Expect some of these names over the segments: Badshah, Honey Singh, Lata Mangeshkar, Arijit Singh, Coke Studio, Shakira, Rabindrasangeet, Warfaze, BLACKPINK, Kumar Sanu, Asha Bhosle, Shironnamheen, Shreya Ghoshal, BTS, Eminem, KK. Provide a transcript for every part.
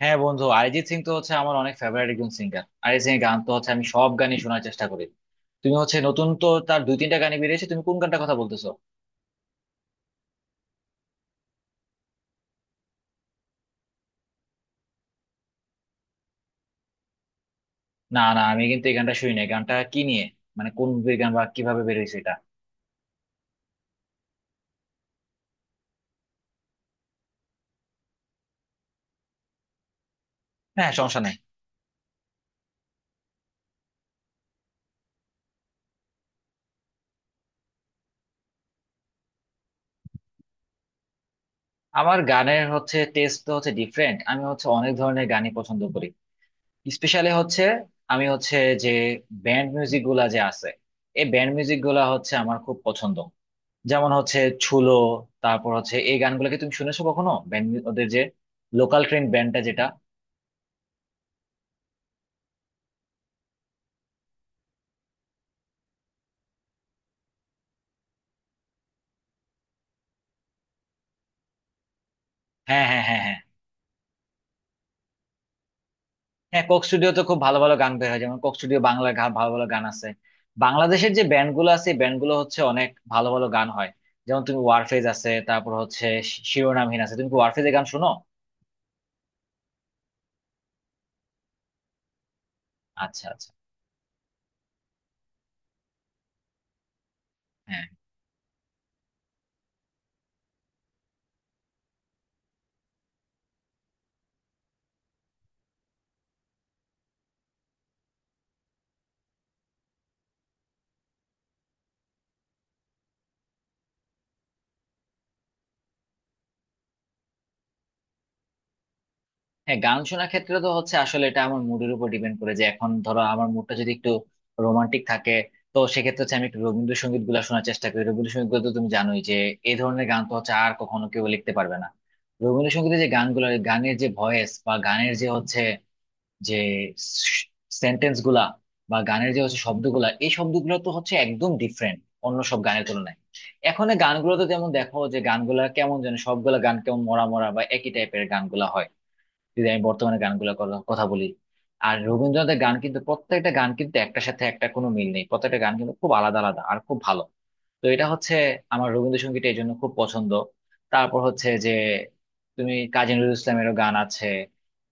হ্যাঁ বন্ধু, অরিজিৎ সিং তো হচ্ছে আমার অনেক ফেভারিট একজন সিঙ্গার। অরিজিৎ সিং এর গান তো হচ্ছে আমি সব গানই শোনার চেষ্টা করি। তুমি হচ্ছে নতুন তো তার দুই তিনটা গানই বেরিয়েছে, তুমি কোন গানটার কথা বলতেছো? না, না আমি কিন্তু এই গানটা শুনি নাই। গানটা কি নিয়ে, মানে কোন মুভির গান বা কিভাবে বেরিয়েছে এটা? হ্যাঁ, সমস্যা নাই। আমার গানের হচ্ছে টেস্ট তো হচ্ছে ডিফারেন্ট, আমি হচ্ছে অনেক ধরনের গানই পছন্দ করি। স্পেশালি হচ্ছে, আমি হচ্ছে যে ব্যান্ড মিউজিক গুলা যে আছে, এই ব্যান্ড মিউজিক গুলা হচ্ছে আমার খুব পছন্দ। যেমন হচ্ছে ছুলো, তারপর হচ্ছে এই গানগুলো কি তুমি শুনেছো কখনো ব্যান্ড ওদের যে লোকাল ট্রেন ব্যান্ডটা, যেটা। হ্যাঁ, হ্যাঁ, হ্যাঁ, হ্যাঁ। হ্যাঁ, কোক স্টুডিওতে খুব ভালো ভালো গান বের হয়। যেমন কোক স্টুডিও বাংলা ভালো ভালো গান আছে। বাংলাদেশের যে ব্যান্ড গুলো আছে, ব্যান্ড গুলো হচ্ছে অনেক ভালো ভালো গান হয়। যেমন তুমি ওয়ারফেজ আছে, তারপর হচ্ছে শিরোনামহীন আছে। তুমি কি ওয়ারফেজের গান শোনো? আচ্ছা, আচ্ছা। হ্যাঁ, হ্যাঁ, গান শোনার ক্ষেত্রে তো হচ্ছে আসলে এটা আমার মুডের উপর ডিপেন্ড করে। যে এখন ধরো আমার মুডটা যদি একটু রোমান্টিক থাকে, তো সেক্ষেত্রে হচ্ছে আমি একটু রবীন্দ্রসঙ্গীত গুলা শোনার চেষ্টা করি। রবীন্দ্রসঙ্গীত গুলো তো তুমি জানোই যে এই ধরনের গান তো হচ্ছে আর কখনো কেউ লিখতে পারবে না। রবীন্দ্রসঙ্গীতের যে গানগুলো, গানের যে ভয়েস বা গানের যে হচ্ছে, যে সেন্টেন্স গুলা বা গানের যে হচ্ছে শব্দগুলা, এই শব্দগুলো তো হচ্ছে একদম ডিফারেন্ট অন্য সব গানের তুলনায়। এখন এই গানগুলো তো যেমন দেখো যে গানগুলা কেমন যেন, সবগুলা গান কেমন মরা মরা বা একই টাইপের গানগুলা হয়, যদি আমি বর্তমানে গানগুলোর কথা বলি। আর রবীন্দ্রনাথের গান কিন্তু প্রত্যেকটা গান কিন্তু একটার সাথে একটা কোনো মিল নেই, প্রত্যেকটা গান কিন্তু খুব আলাদা আলাদা আর খুব ভালো। তো এটা হচ্ছে আমার রবীন্দ্রসঙ্গীত এই জন্য খুব পছন্দ। তারপর হচ্ছে যে তুমি কাজী নজরুল ইসলামেরও গান আছে।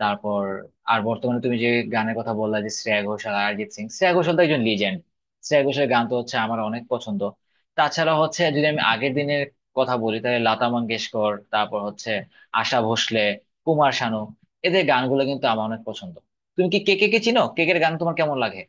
তারপর আর বর্তমানে তুমি যে গানের কথা বললা, যে শ্রেয়া ঘোষাল আর অরিজিৎ সিং, শ্রেয়া ঘোষাল তো একজন লিজেন্ড। শ্রেয়া ঘোষালের গান তো হচ্ছে আমার অনেক পছন্দ। তাছাড়া হচ্ছে যদি আমি আগের দিনের কথা বলি, তাহলে লতা মঙ্গেশকর, তারপর হচ্ছে আশা ভোসলে, কুমার শানু, এদের গানগুলো কিন্তু আমার অনেক পছন্দ। তুমি কি কে কে, কে চিনো কে কে? গান তোমার কেমন লাগে?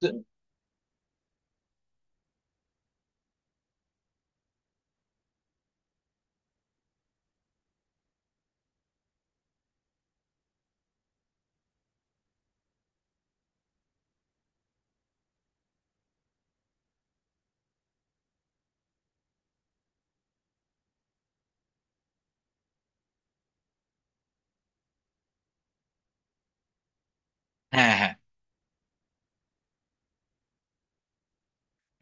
তু- হ্যাঁ, হ্যাঁ,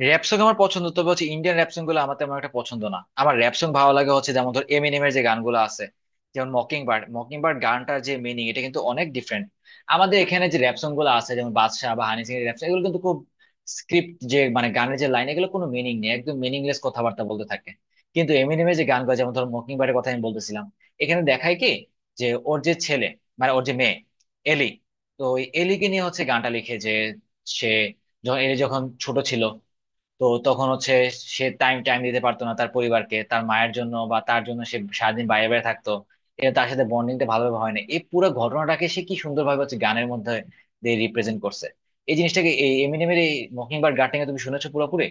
র্যাপ সং আমার পছন্দ। তবে হচ্ছে ইন্ডিয়ান র্যাপ সং গুলো আমার তেমন একটা পছন্দ না। আমার র্যাপ সং ভালো লাগে হচ্ছে, যেমন ধর এমিনেমের যে গানগুলো আছে, যেমন মকিং বার্ড, মকিং বার্ড গানটার যে মিনিং, এটা কিন্তু অনেক ডিফারেন্ট। আমাদের এখানে যে র্যাপ সং গুলো আছে যেমন বাদশা বা হানি সিং এর র্যাপ সং, এগুলো কিন্তু খুব স্ক্রিপ্ট, যে মানে গানের যে লাইন, এগুলো কোনো মিনিং নেই, একদম মিনিংলেস কথাবার্তা বলতে থাকে। কিন্তু এমিনেমের যে গানগুলো, যেমন ধর মকিং বার্ডের কথা আমি বলতেছিলাম, এখানে দেখায় কি যে ওর যে ছেলে, মানে ওর যে মেয়ে, এলি, তো ওই এলিকে নিয়ে হচ্ছে গানটা লিখে। যে সে যখন, এলি যখন ছোট ছিল, তো তখন হচ্ছে সে টাইম টাইম দিতে পারতো না তার পরিবারকে, তার মায়ের জন্য বা তার জন্য, সে সারাদিন বাইরে বাইরে থাকতো। এটা তার সাথে বন্ডিংটা ভালোভাবে হয় না। এই পুরো ঘটনাটাকে সে কি সুন্দরভাবে হচ্ছে গানের মধ্যে দিয়ে রিপ্রেজেন্ট করছে, এই জিনিসটাকে, এই এমিনেমের এই মকিংবার্ড গার্ডেনিং এ। তুমি শুনেছো পুরোপুরি?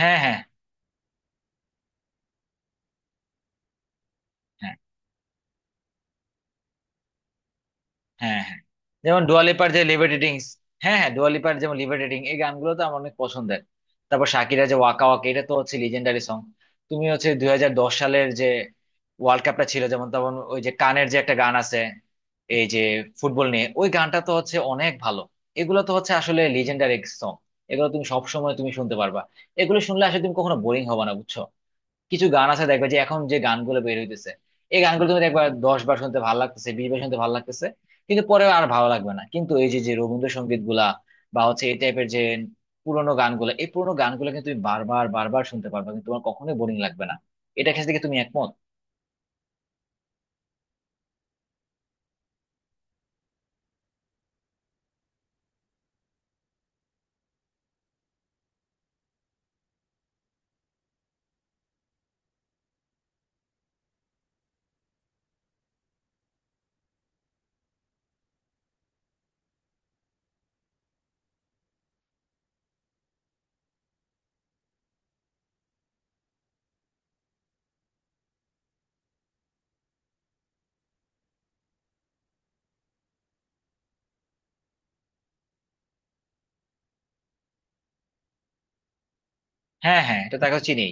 হ্যাঁ, হ্যাঁ, হ্যাঁ, হ্যাঁ, হ্যাঁ, যেমন ডুয়ালিপার যে লিভারেটিংস। হ্যাঁ, হ্যাঁ, ডুয়ালিপার যেমন লিভারেটিং, এই গানগুলো তো আমার অনেক পছন্দের। তারপর শাকিরা যে ওয়াকা ওয়াকা, এটা তো হচ্ছে লিজেন্ডারি সং। তুমি হচ্ছে 2010 সালের যে ওয়ার্ল্ড কাপটা ছিল, যেমন তখন ওই যে কানের যে একটা গান আছে, এই যে ফুটবল নিয়ে, ওই গানটা তো হচ্ছে অনেক ভালো। এগুলো তো হচ্ছে আসলে লিজেন্ডারি সং, এগুলো তুমি সব সময় তুমি শুনতে পারবা, এগুলো শুনলে আসলে তুমি কখনো বোরিং হবে না, বুঝছো? কিছু গান আছে দেখবে, যে এখন যে গানগুলো বের হইতেছে, এই গানগুলো তুমি দেখবে দশ বার শুনতে ভালো লাগতেছে, বিশ বার শুনতে ভালো লাগতেছে, কিন্তু পরে আর ভালো লাগবে না। কিন্তু এই যে, যে রবীন্দ্রসঙ্গীত গুলা বা হচ্ছে এই টাইপের যে পুরোনো গানগুলো, এই পুরোনো গানগুলো কিন্তু তুমি বারবার বারবার শুনতে পারবে, কিন্তু তোমার কখনোই বোরিং লাগবে না। এটা ক্ষেত্রে কি তুমি একমত? হ্যাঁ, হ্যাঁ, এটা তাকে চিনি।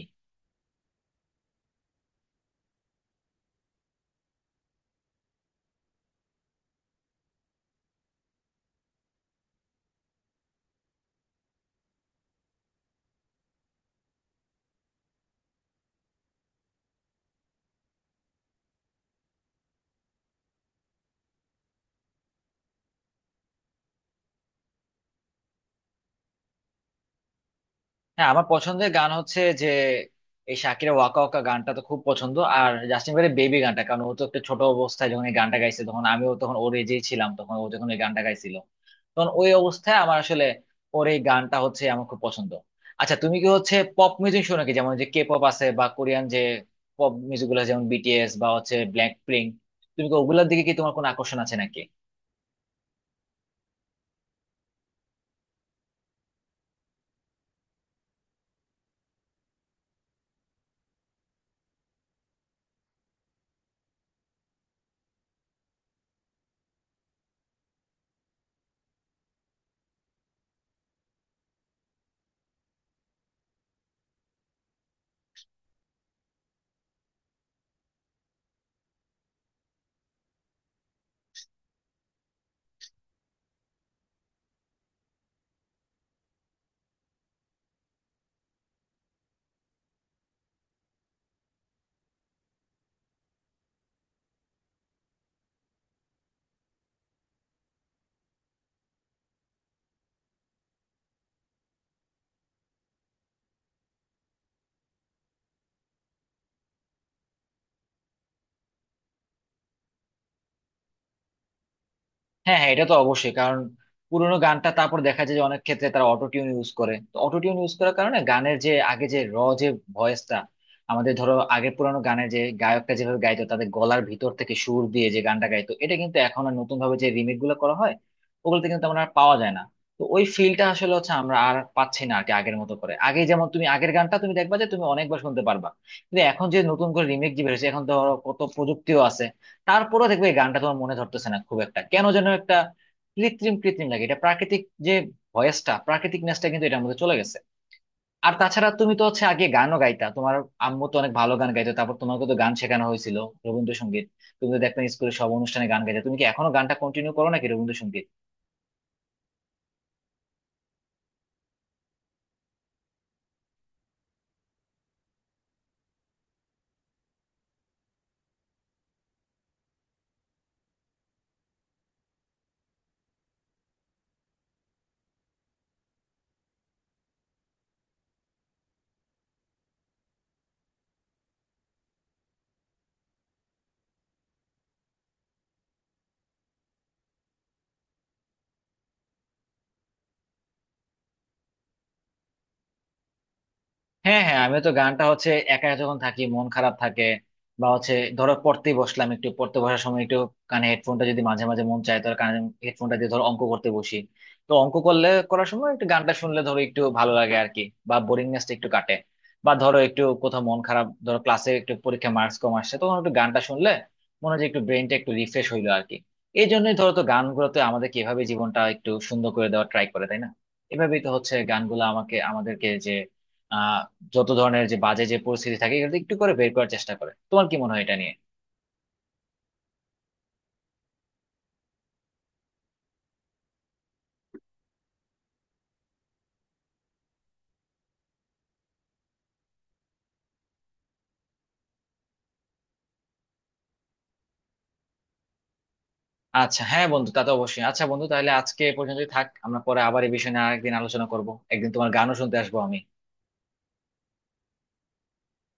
হ্যাঁ, আমার পছন্দের গান হচ্ছে যে এই শাকিরা ওয়াকা ওয়াকা গানটা তো খুব পছন্দ, আর জাস্টিন বিবারের বেবি গানটা। কারণ ও তো একটা ছোট অবস্থায় যখন এই গানটা গাইছে, তখন আমিও তখন ওর এজেই ছিলাম। তখন ও যখন এই গানটা গাইছিল, তখন ওই অবস্থায় আমার আসলে ওর এই গানটা হচ্ছে আমার খুব পছন্দ। আচ্ছা, তুমি কি হচ্ছে পপ মিউজিক শোনো কি, যেমন যে কে পপ আছে বা কোরিয়ান যে পপ মিউজিক গুলো আছে, যেমন বিটিএস বা হচ্ছে ব্ল্যাক পিঙ্ক? তুমি কি ওগুলোর দিকে কি তোমার কোনো আকর্ষণ আছে নাকি? হ্যাঁ, হ্যাঁ, এটা তো অবশ্যই। কারণ পুরোনো গানটা তারপর দেখা যায় যে অনেক ক্ষেত্রে তারা অটো টিউন ইউজ করে। তো অটো টিউন ইউজ করার কারণে গানের যে আগে যে র যে ভয়েসটা, আমাদের ধরো আগের পুরোনো গানে যে গায়কটা যেভাবে গাইতো, তাদের গলার ভিতর থেকে সুর দিয়ে যে গানটা গাইতো, এটা কিন্তু এখন আর নতুন ভাবে যে রিমেক গুলো করা হয়, ওগুলোতে কিন্তু আমরা আর পাওয়া যায় না। তো ওই ফিলটা আসলে হচ্ছে আমরা আর পাচ্ছি না আর কি, আগের মতো করে। আগে যেমন তুমি আগের গানটা তুমি দেখবা যে তুমি অনেকবার শুনতে পারবা, কিন্তু এখন যে নতুন করে রিমেক যে বেরোছে, এখন ধরো কত প্রযুক্তিও আছে, তারপরেও দেখবে এই গানটা তোমার মনে ধরতেছে না খুব একটা, কেন যেন একটা কৃত্রিম কৃত্রিম লাগে। এটা প্রাকৃতিক, যে ভয়েসটা, প্রাকৃতিক নেসটা কিন্তু এটার মধ্যে চলে গেছে। আর তাছাড়া তুমি তো হচ্ছে আগে গানও গাইতা, তোমার আম্মু তো অনেক ভালো গান গাইতো, তারপর তোমাকে তো গান শেখানো হয়েছিল রবীন্দ্রসঙ্গীত। তুমি তো দেখতাম স্কুলে সব অনুষ্ঠানে গান গাইতে। তুমি কি এখনো গানটা কন্টিনিউ করো নাকি রবীন্দ্রসঙ্গীত? হ্যাঁ, হ্যাঁ, আমি তো গানটা হচ্ছে একা যখন থাকি, মন খারাপ থাকে, বা হচ্ছে ধরো পড়তেই বসলাম, একটু পড়তে বসার সময় একটু কানে হেডফোনটা যদি, মাঝে মাঝে মন চায় ধর কানে হেডফোনটা দিয়ে ধরো অঙ্ক করতে বসি, তো অঙ্ক করলে করার সময় একটু গানটা শুনলে ধরো একটু ভালো লাগে আর কি, বা বোরিংনেসটা একটু কাটে। বা ধরো একটু কোথাও মন খারাপ, ধরো ক্লাসে একটু পরীক্ষা মার্কস কম আসছে, তখন একটু গানটা শুনলে মনে হয় যে একটু ব্রেনটা একটু রিফ্রেশ হইলো আর কি। এই জন্যই ধরো তো গানগুলোতে আমাদের কিভাবে জীবনটা একটু সুন্দর করে দেওয়ার ট্রাই করে, তাই না? এভাবেই তো হচ্ছে গানগুলো আমাকে, আমাদেরকে যে যত ধরনের যে বাজে যে পরিস্থিতি থাকে, এগুলো একটু করে বের করার চেষ্টা করে। তোমার কি মনে হয় এটা নিয়ে? আচ্ছা, হ্যাঁ বন্ধু, তা তো অবশ্যই। আচ্ছা বন্ধু, তাহলে আজকে এ পর্যন্তই থাক, আমরা পরে আবার এই বিষয় নিয়ে আরেকদিন আলোচনা করব। একদিন তোমার গানও শুনতে আসবো আমি।